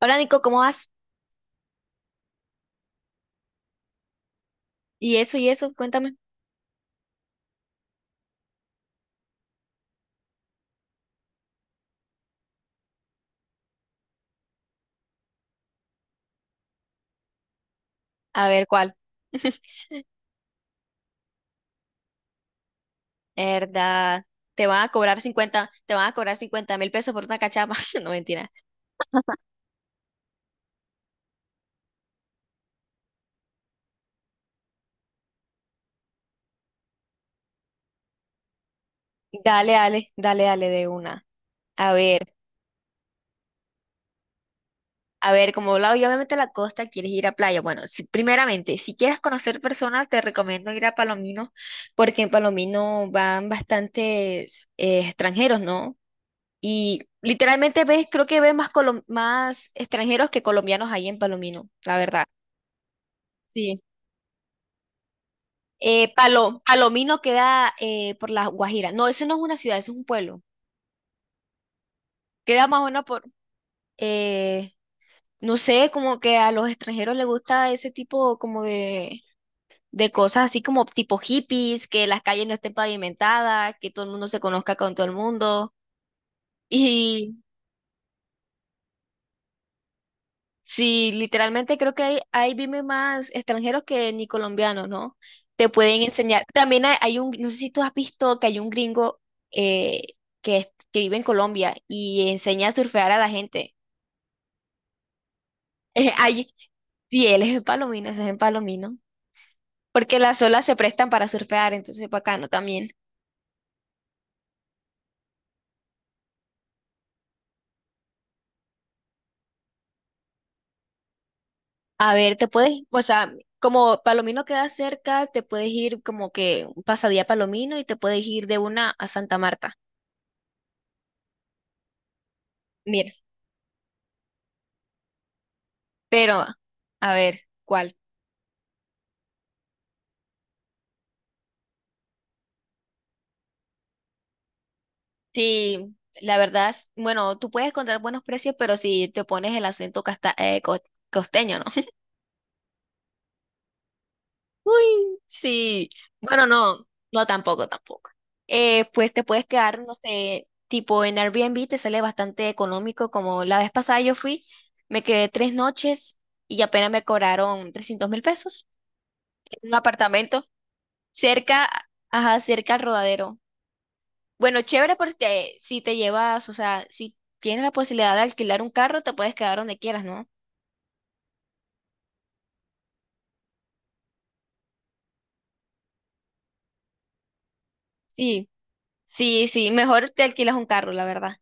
Hola Nico, ¿cómo vas? Y eso, cuéntame. A ver, ¿cuál? ¿Verdad? Te van a cobrar 50 te van a cobrar 50.000 pesos por una cachapa. No, mentira. Dale, dale, dale, dale de una. A ver, a ver, como hablaba yo, obviamente a la costa, quieres ir a playa. Bueno, primeramente, si quieres conocer personas, te recomiendo ir a Palomino, porque en Palomino van bastantes extranjeros, ¿no? Y literalmente ves, creo que ves más extranjeros que colombianos ahí en Palomino, la verdad. Sí. Palomino queda por la Guajira. No, ese no es una ciudad, ese es un pueblo. Queda más o menos por, eh, no sé, como que a los extranjeros les gusta ese tipo como de cosas así como tipo hippies, que las calles no estén pavimentadas, que todo el mundo se conozca con todo el mundo. Sí, literalmente creo que ahí viven más extranjeros que ni colombianos, ¿no? Te pueden enseñar. También hay un, no sé si tú has visto que hay un gringo eh, que vive en Colombia y enseña a surfear a la gente. Eh, Hay, sí, él es en Palomino, ese es en Palomino. Porque las olas se prestan para surfear, entonces es bacano también. A ver, te puedes, o sea, como Palomino queda cerca, te puedes ir como que un pasadía a Palomino y te puedes ir de una a Santa Marta. Mira. Pero, a ver, ¿cuál? Sí, la verdad, bueno, tú puedes encontrar buenos precios, pero si te pones el acento costeño, ¿no? Uy, sí. Bueno, no, no tampoco, tampoco. Pues te puedes quedar, no sé, tipo en Airbnb te sale bastante económico, como la vez pasada yo fui, me quedé 3 noches y apenas me cobraron 300.000 pesos en un apartamento cerca, ajá, cerca al rodadero. Bueno, chévere porque si te llevas, o sea, si tienes la posibilidad de alquilar un carro, te puedes quedar donde quieras, ¿no? Sí, sí, sí, mejor te alquilas un carro, la verdad.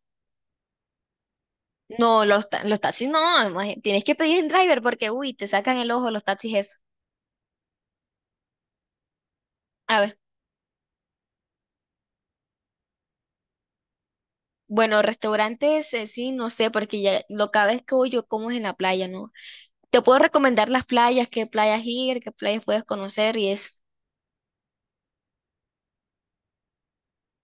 No, los taxis no, tienes que pedir en driver porque, uy, te sacan el ojo los taxis eso. A ver, bueno, restaurantes, sí, no sé, porque ya lo cada vez que voy yo como es en la playa, ¿no? Te puedo recomendar las playas, qué playas ir, qué playas puedes conocer y eso.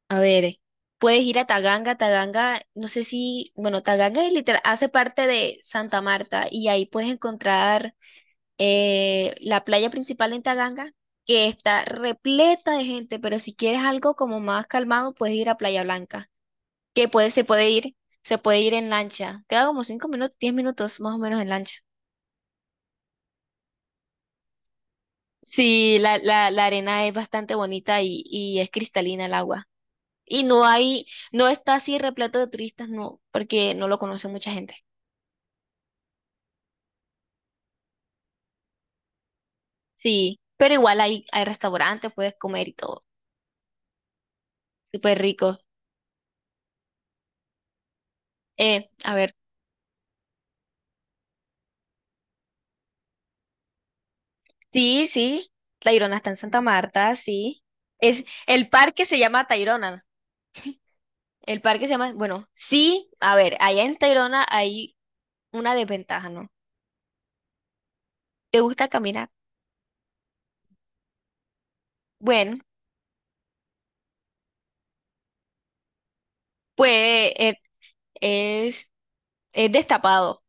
A ver, puedes ir a Taganga, Taganga, no sé si, bueno, Taganga es literal, hace parte de Santa Marta y ahí puedes encontrar la playa principal en Taganga, que está repleta de gente, pero si quieres algo como más calmado, puedes ir a Playa Blanca, que puede, se puede ir en lancha, queda como 5 minutos, 10 minutos más o menos en lancha. Sí, la arena es bastante bonita y es cristalina el agua. Y no hay, no está así repleto de turistas, no, porque no lo conoce mucha gente. Sí, pero igual hay restaurantes, puedes comer y todo. Súper rico. A ver, sí, sí, Tayrona está en Santa Marta, sí. Es, el parque se llama Tayrona. El parque se llama, bueno, sí, a ver, allá en Tayrona hay una desventaja, ¿no? ¿Te gusta caminar? Bueno, pues eh, es, es destapado.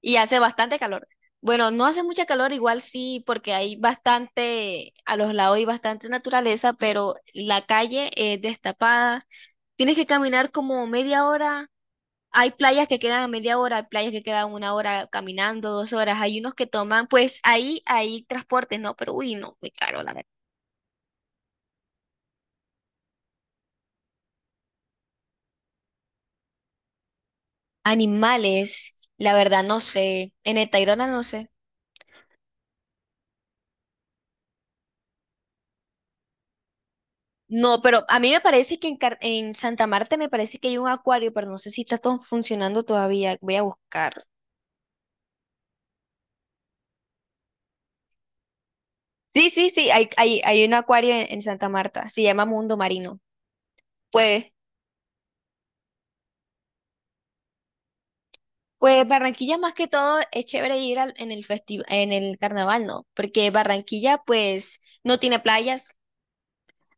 Y hace bastante calor. Bueno, no hace mucha calor, igual sí, porque hay bastante, a los lados hay bastante naturaleza, pero la calle es destapada. Tienes que caminar como media hora. Hay playas que quedan a media hora, hay playas que quedan 1 hora caminando, 2 horas. Hay unos que toman, pues ahí hay transportes, ¿no? Pero uy, no, muy caro, la verdad. Animales, la verdad, no sé. En el Tayrona no sé. No, pero a mí me parece que en Santa Marta me parece que hay un acuario, pero no sé si está todo funcionando todavía. Voy a buscar. Sí, sí, sí, hay un acuario en Santa Marta, se llama Mundo Marino. Pues, pues Barranquilla más que todo es chévere ir en el en el carnaval, ¿no? Porque Barranquilla pues no tiene playas,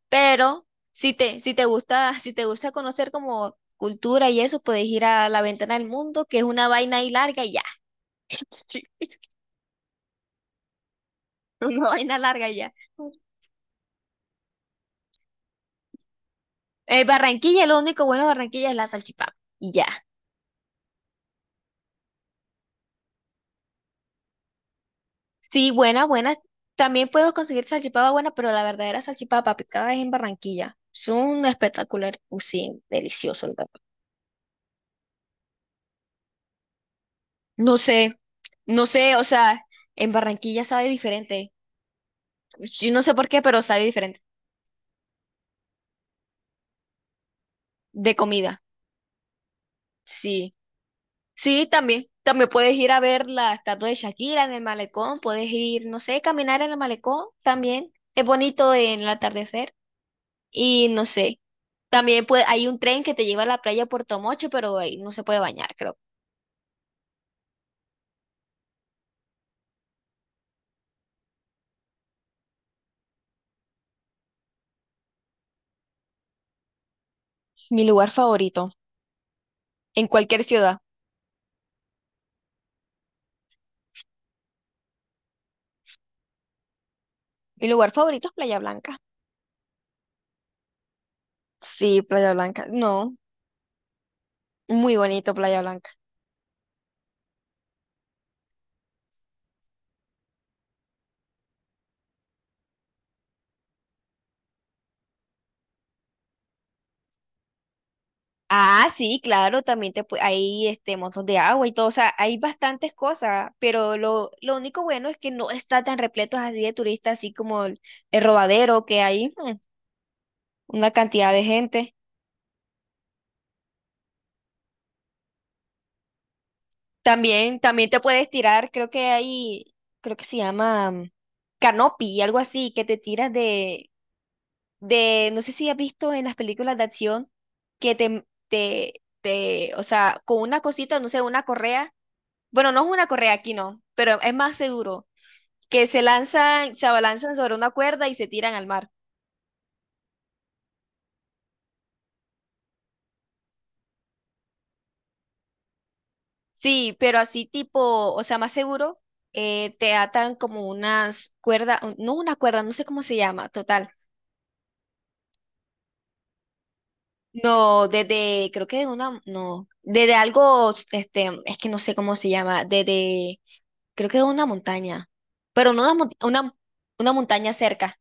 pero si te gusta conocer como cultura y eso, puedes ir a la Ventana del Mundo, que es una vaina ahí larga y ya. Sí, una vaina larga y ya. Barranquilla, lo único bueno de Barranquilla es la salchipapa. Y ya. Sí, buena, buena. También puedo conseguir salchipapa buena, pero la verdadera salchipapa picada es en Barranquilla. Es un espectacular, sí, delicioso. La verdad. No sé, no sé, o sea, en Barranquilla sabe diferente. Yo no sé por qué, pero sabe diferente. De comida, sí. Sí, también. También puedes ir a ver la estatua de Shakira en el malecón, puedes ir, no sé, caminar en el malecón también. Es bonito en el atardecer. Y no sé. También hay un tren que te lleva a la playa Puerto Mocho, pero ahí no se puede bañar, creo. Mi lugar favorito, en cualquier ciudad. Mi lugar favorito es Playa Blanca. Sí, Playa Blanca. No, muy bonito Playa Blanca. Ah, sí, claro, hay este montón de agua y todo, o sea, hay bastantes cosas, pero lo único bueno es que no está tan repleto así de turistas, así como el Rodadero, que hay una cantidad de gente. También, también te puedes tirar, creo que hay, creo que se llama canopy, algo así, que te tiras no sé si has visto en las películas de acción, que te, o sea, con una cosita, no sé, una correa, bueno, no es una correa aquí, no, pero es más seguro, que se lanzan, se abalanzan sobre una cuerda y se tiran al mar. Sí, pero así tipo, o sea, más seguro, te atan como unas cuerdas, no una cuerda, no sé cómo se llama, total. No, desde, creo que de una, no, desde algo, este, es que no sé cómo se llama, desde, creo que de una montaña, pero no una, una montaña cerca.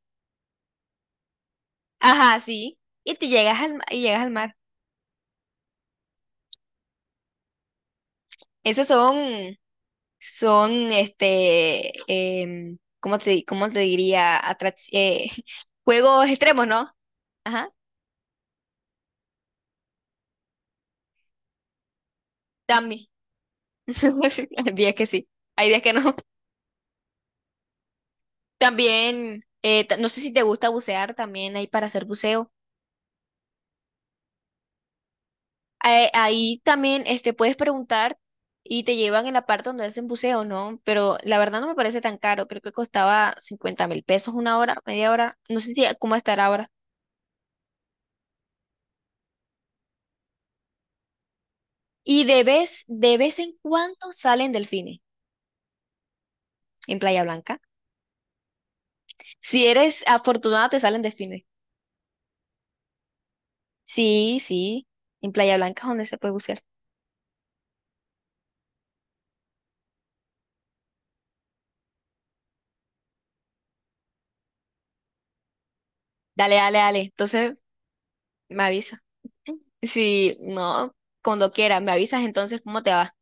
Ajá, sí, y llegas al mar. Esos este, ¿cómo te diría? Juegos extremos, ¿no? Ajá, también. Sí, hay días que sí, hay días que no. También, no sé si te gusta bucear, también hay para hacer buceo. Ahí también este, puedes preguntar y te llevan en la parte donde hacen buceo, ¿no? Pero la verdad no me parece tan caro, creo que costaba 50.000 pesos 1 hora, media hora, no sé si cómo estará ahora. Y de vez en cuando salen delfines en Playa Blanca. Si eres afortunada, te salen delfines. Sí, sí, en Playa Blanca es donde se puede bucear. Dale, dale, dale. Entonces me avisa. Si no, cuando quieras, me avisas entonces cómo te va.